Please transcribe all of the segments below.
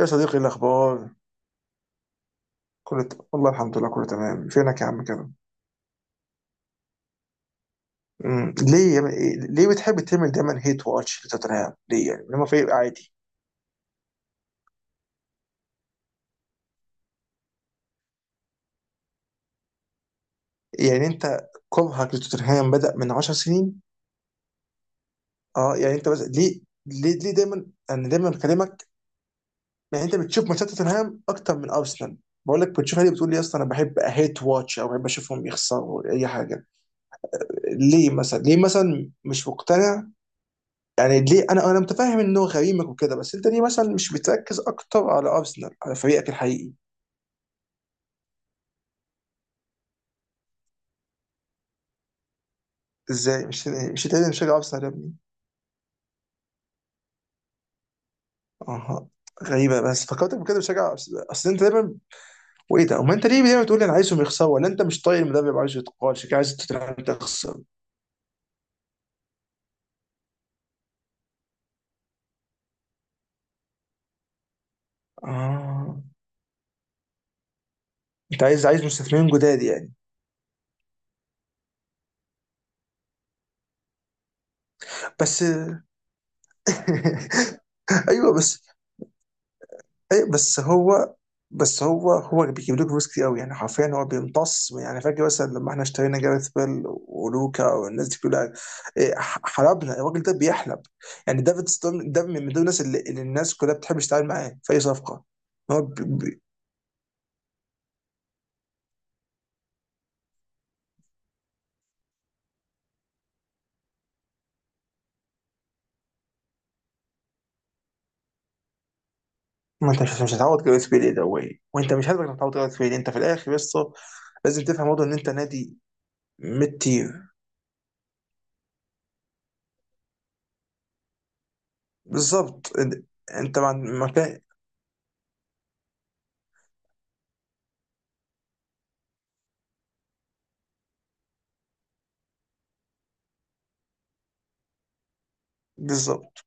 يا صديقي، إيه الأخبار؟ والله الحمد لله، كله تمام. فينك يا عم كده؟ ليه يا... ب- إيه- ليه بتحب تعمل دايما هيت واتش لتوتنهام؟ ليه يعني لما فريق عادي؟ يعني أنت كرهك لتوتنهام بدأ من 10 سنين؟ اه، يعني أنت بس ليه؟ ليه دايما، أنا دايما بكلمك. يعني أنت بتشوف ماتشات توتنهام أكتر من أرسنال. بقول لك بتشوفها ليه، بتقول لي اصلا انا بحب هيت واتش او بحب اشوفهم يخسروا اي حاجه. ليه مثلا؟ ليه مثلا مش مقتنع؟ يعني ليه، انا متفاهم انه غريمك وكده، بس انت ليه مثلا مش بتركز اكتر على ارسنال، على فريقك الحقيقي؟ ازاي مش انت بتشجع ارسنال يا ابني؟ اها. غريبه، بس فكرتك بكده بتشجع أرسنال. اصل انت دايما. وايه ده؟ وما انت ليه دايما تقول لي انا عايزهم يخسروا؟ ولا انت مش طايق المدرب، عايزه يتقال؟ شكلك عايز توتنهام تخسر. اه، انت عايز مستثمرين جداد يعني. بس. ايوه بس. اي بس هو. بس هو بيجيب لك فلوس كتير قوي. يعني حرفيا هو بيمتص. يعني فاكر مثلا لما احنا اشترينا جاريث بيل ولوكا والناس دي كلها؟ حلبنا الراجل، ده بيحلب. يعني دافيد ستون ده من دول الناس اللي الناس كلها بتحب تشتغل معاه في اي صفقه. هو بي بي. ما انت مش هتعوض جاريث بيل. إيه ده واي؟ وانت مش هتقدر تعوض جاريث بيل. انت في الاخر بس لازم تفهم برضه ان انت نادي ميد تير. بالظبط إن- انت ما عند- ما كان- بالظبط.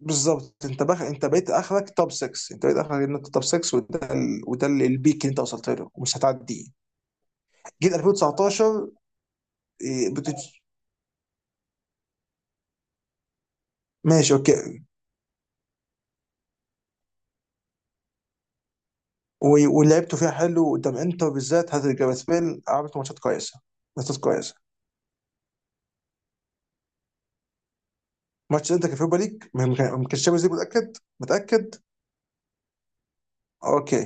بالظبط انت انت بقيت اخرك توب 6. انت بقيت اخرك ان انت توب 6، البيك اللي انت وصلت له ومش هتعديه. جيت 2019. إيه، بت... ماشي، اوكي. ولعبته فيها حلو قدام انتر بالذات. هات جاريث بيل، عملت ماتشات كويسه. ماتشات كويسه. ماتش انت كان في ليج، ما كانش شامبيونز ليج. متاكد متاكد. اوكي.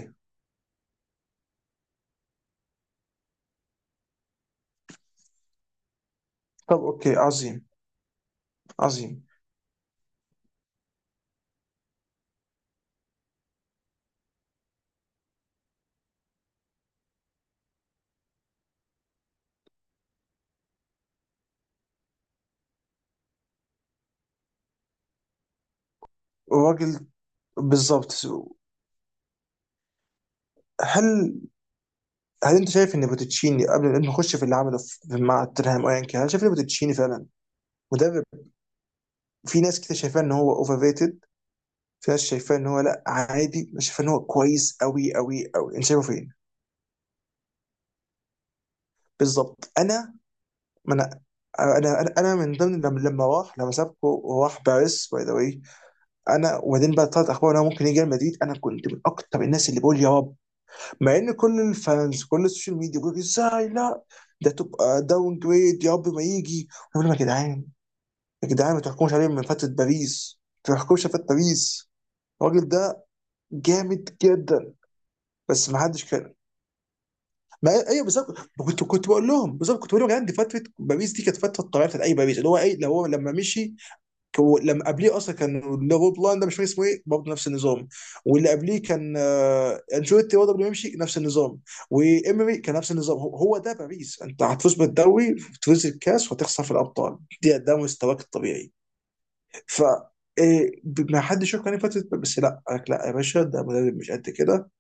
طب اوكي، عظيم. عظيم. الراجل. بالظبط. هل. هل انت شايف ان بوتتشيني، قبل ما نخش في اللي عمله مع توتنهام، ايا كان، هل شايف ان بوتتشيني فعلا مدرب؟ في ناس كده شايفاه ان هو اوفر ريتد، في ناس شايفاه ان هو لا، عادي، ناس شايفاه ان هو كويس قوي قوي قوي. انت شايفه فين؟ بالظبط انا. ما انا. أنا من ضمن لما راح، لما سابكو وراح باريس، باي ذا واي. انا وبعدين بقى طلعت اخبار ان هو ممكن يجي ريال مدريد. انا كنت من اكتر الناس اللي بقول يا رب. مع ان كل الفانز، كل السوشيال ميديا بيقول ازاي لا، ده تبقى داون جريد، يا رب ما يجي. انا بقول لهم يا جدعان، يا جدعان ما تحكموش عليه من فتره باريس. ما تحكموش على فتره باريس. الراجل ده جامد جدا. بس ما حدش كان. ما ايوه، بالظبط. كنت بقول لهم، بالظبط كنت بقول لهم يا جدعان دي فتره باريس، دي كانت فتره الطبيعيه بتاعت اي باريس. اللي هو ايه؟ اللي هو لما مشي، لما قبليه اصلا كان اللي هو بلان ده، مش فاكر اسمه ايه، برضه نفس النظام. واللي قبليه كان انشيلوتي، برضه قبل ما يمشي نفس النظام. وامري كان نفس النظام. هو هو ده باريس. انت هتفوز بالدوري، تفوز الكاس، وهتخسر في الابطال. دي ده مستواك الطبيعي. ف إيه، ما حدش شاف كان فتره، بس لا، قال لك لا يا باشا ده مدرب مش قد كده.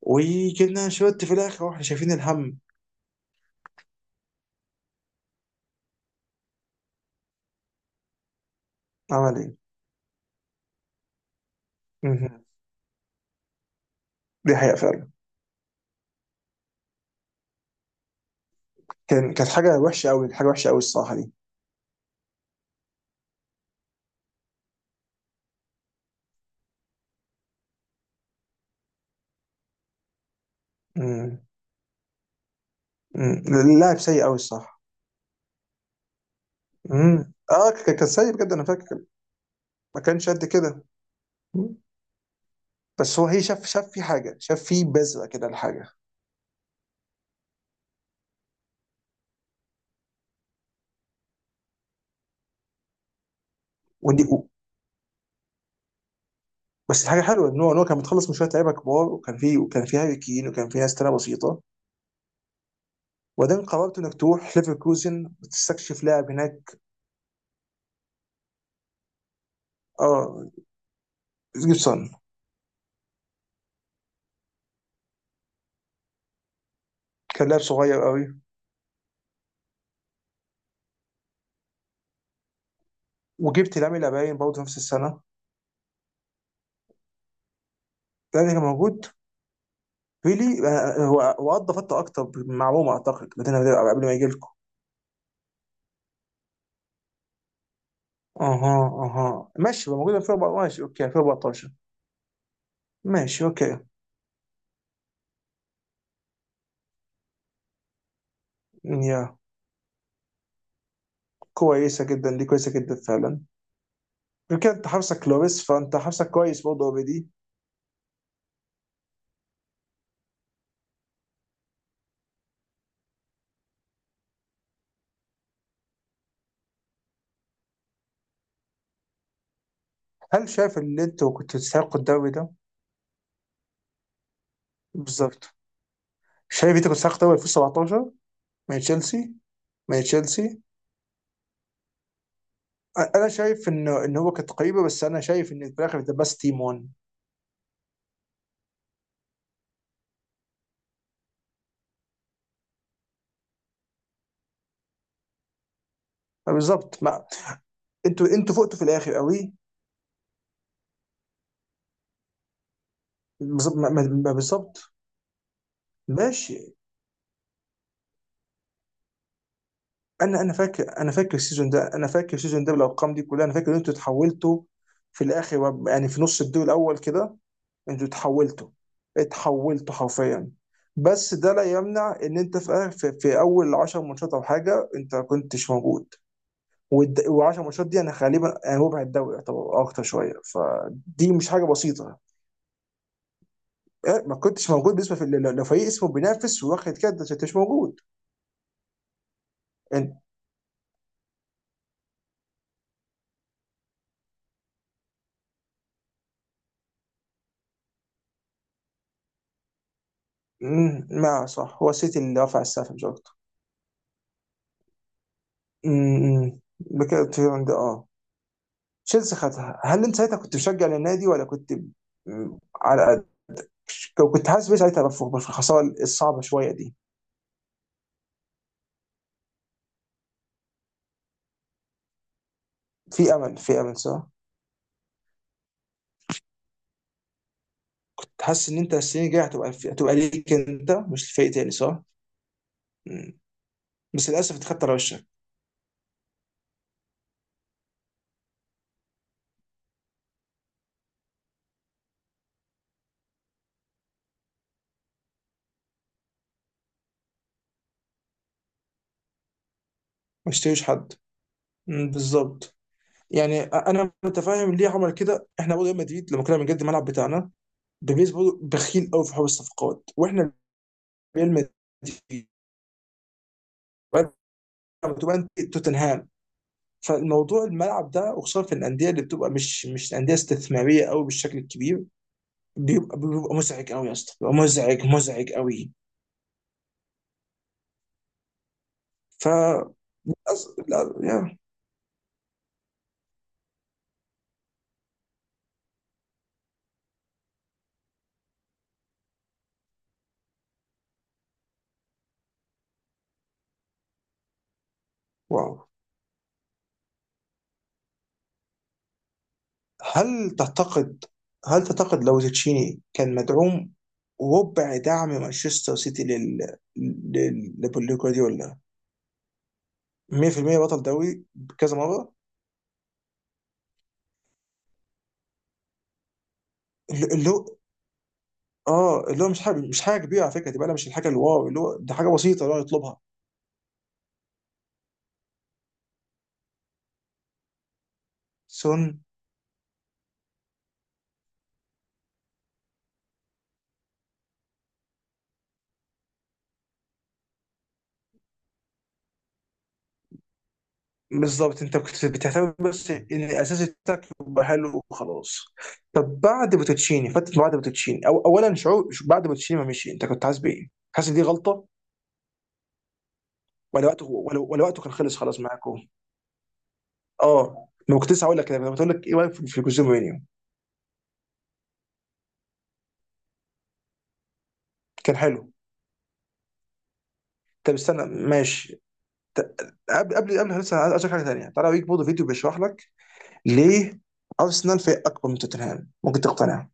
وجبنا انشيلوتي في الاخر واحنا شايفين الهم. عمل ايه؟ مهم. دي حقيقة فعلا. كانت حاجة وحشة قوي، حاجة وحشة قوي الصراحة دي. مم. مم. اللاعب سيء قوي الصح؟ مم. اه، كان سيء بجد، انا فاكر. ما كانش قد كده. مم. بس هو هي شاف في حاجة، شاف في بذرة كده لحاجة. ودي و- بس الحاجة حلوة ان هو كان متخلص من شوية لعيبة كبار، وكان في هاري كين، وكان في ناس تانية بسيطة. وبعدين قررت انك تروح ليفركوزن وتستكشف لاعب هناك. اه، جيبسون. كان لاعب صغير قوي. وجبت لامين يامال باين برضه نفس السنة. ده كان موجود. بيلي. هو قضى فتره اكتر مع روما اعتقد، لكن قبل ما يجي لكم. اها. اها، ماشي. هو موجود في 14، ماشي، اوكي، 2014. ماشي، اوكي. يا، كويسه جدا، دي كويسه جدا فعلا. يمكن انت حارسك لوريس، فانت حارسك كويس برضه اوريدي. هل شايف ان انت كنت تستحقوا الدوري ده؟ بالظبط. شايف انت كنت تستحق الدوري 2017 من تشيلسي؟ من تشيلسي. انا شايف انه ان هو كانت قريبه، بس انا شايف ان في الاخر ذا بس تيم 1. بالظبط ما. انتوا فقتوا في الاخر قوي. بالظبط ما- ما- ما- بالظبط. ماشي. انا فاكر السيزون ده، انا فاكر السيزون ده بالارقام دي كلها. انا فاكر ان انتوا اتحولتوا في الاخر يعني في نص الدور الاول كده. انتوا اتحولتوا، اتحولتوا حرفيا. بس ده لا يمنع ان انت في في اول 10 ماتشات او حاجه، انت ما كنتش موجود. وال10 ماتشات دي انا غالبا، يعني ربع الدوري، يعتبر اكتر شويه، فدي مش حاجه بسيطه. ما كنتش موجود بالنسبه لو فريق اسمه بينافس واخد كده انت مش موجود. ما صح، هو السيتي اللي رفع السقف مش اكتر. بكده تيران ده، اه، تشيلسي خدها. هل انت ساعتها كنت مشجع للنادي ولا كنت؟ على قد، لو كنت حاسس بيه ساعتها بفوق، بس الخساره الصعبه شويه دي. في امل، في امل، صح. تحس ان انت السنين الجايه هتبقى ليك انت مش لفريق تاني صح. مم. بس للاسف اتخدت على وشك. ما اشتريش حد. بالظبط. يعني انا متفاهم ليه عمل كده. احنا برضه ريال مدريد لما كنا بنجد الملعب بتاعنا، بيريز برضه بخيل قوي في حوار الصفقات. واحنا ريال مدريد، وأنت بتبقى أنت توتنهام. فالموضوع الملعب ده، وخصوصا في الانديه اللي بتبقى مش انديه استثماريه قوي بالشكل الكبير، بيبقى مزعج قوي يا اسطى، بيبقى مزعج، مزعج قوي. ف لا يا. واو. هل تعتقد؟ هل تعتقد لو تشيني كان مدعوم ربع دعم مانشستر سيتي لل، لبوليو جوارديولا، 100% بطل دوري بكذا مره؟ اللي هو اه، اللي هو مش حاجه كبيره على فكره، دي بقى مش الحاجه الواو، اللي هو ده حاجه بسيطه اللي هو نطلبها. سون. بالظبط، انت كنت بتهتم بس ان الاساس بتاعك يبقى حلو وخلاص. طب بعد بوتوتشيني، فتره بعد بوتوتشيني، أو اولا شعور بعد بوتوتشيني ما مشي، انت كنت حاسس بايه؟ حاسس إن دي غلطه؟ ولا وقته، ولا وقته كان خلص خلاص معاكم. اه، ما كنت لسه هقول لك كده، كنت بقول لك ايه رايك في جوزيه مورينيو؟ كان حلو. طب استنى، ماشي. قبل لسه عايز، أقول حاجه ثانيه. تعالى اوريك برضه فيديو بيشرح لك ليه ارسنال فريق اكبر من توتنهام، ممكن تقتنع.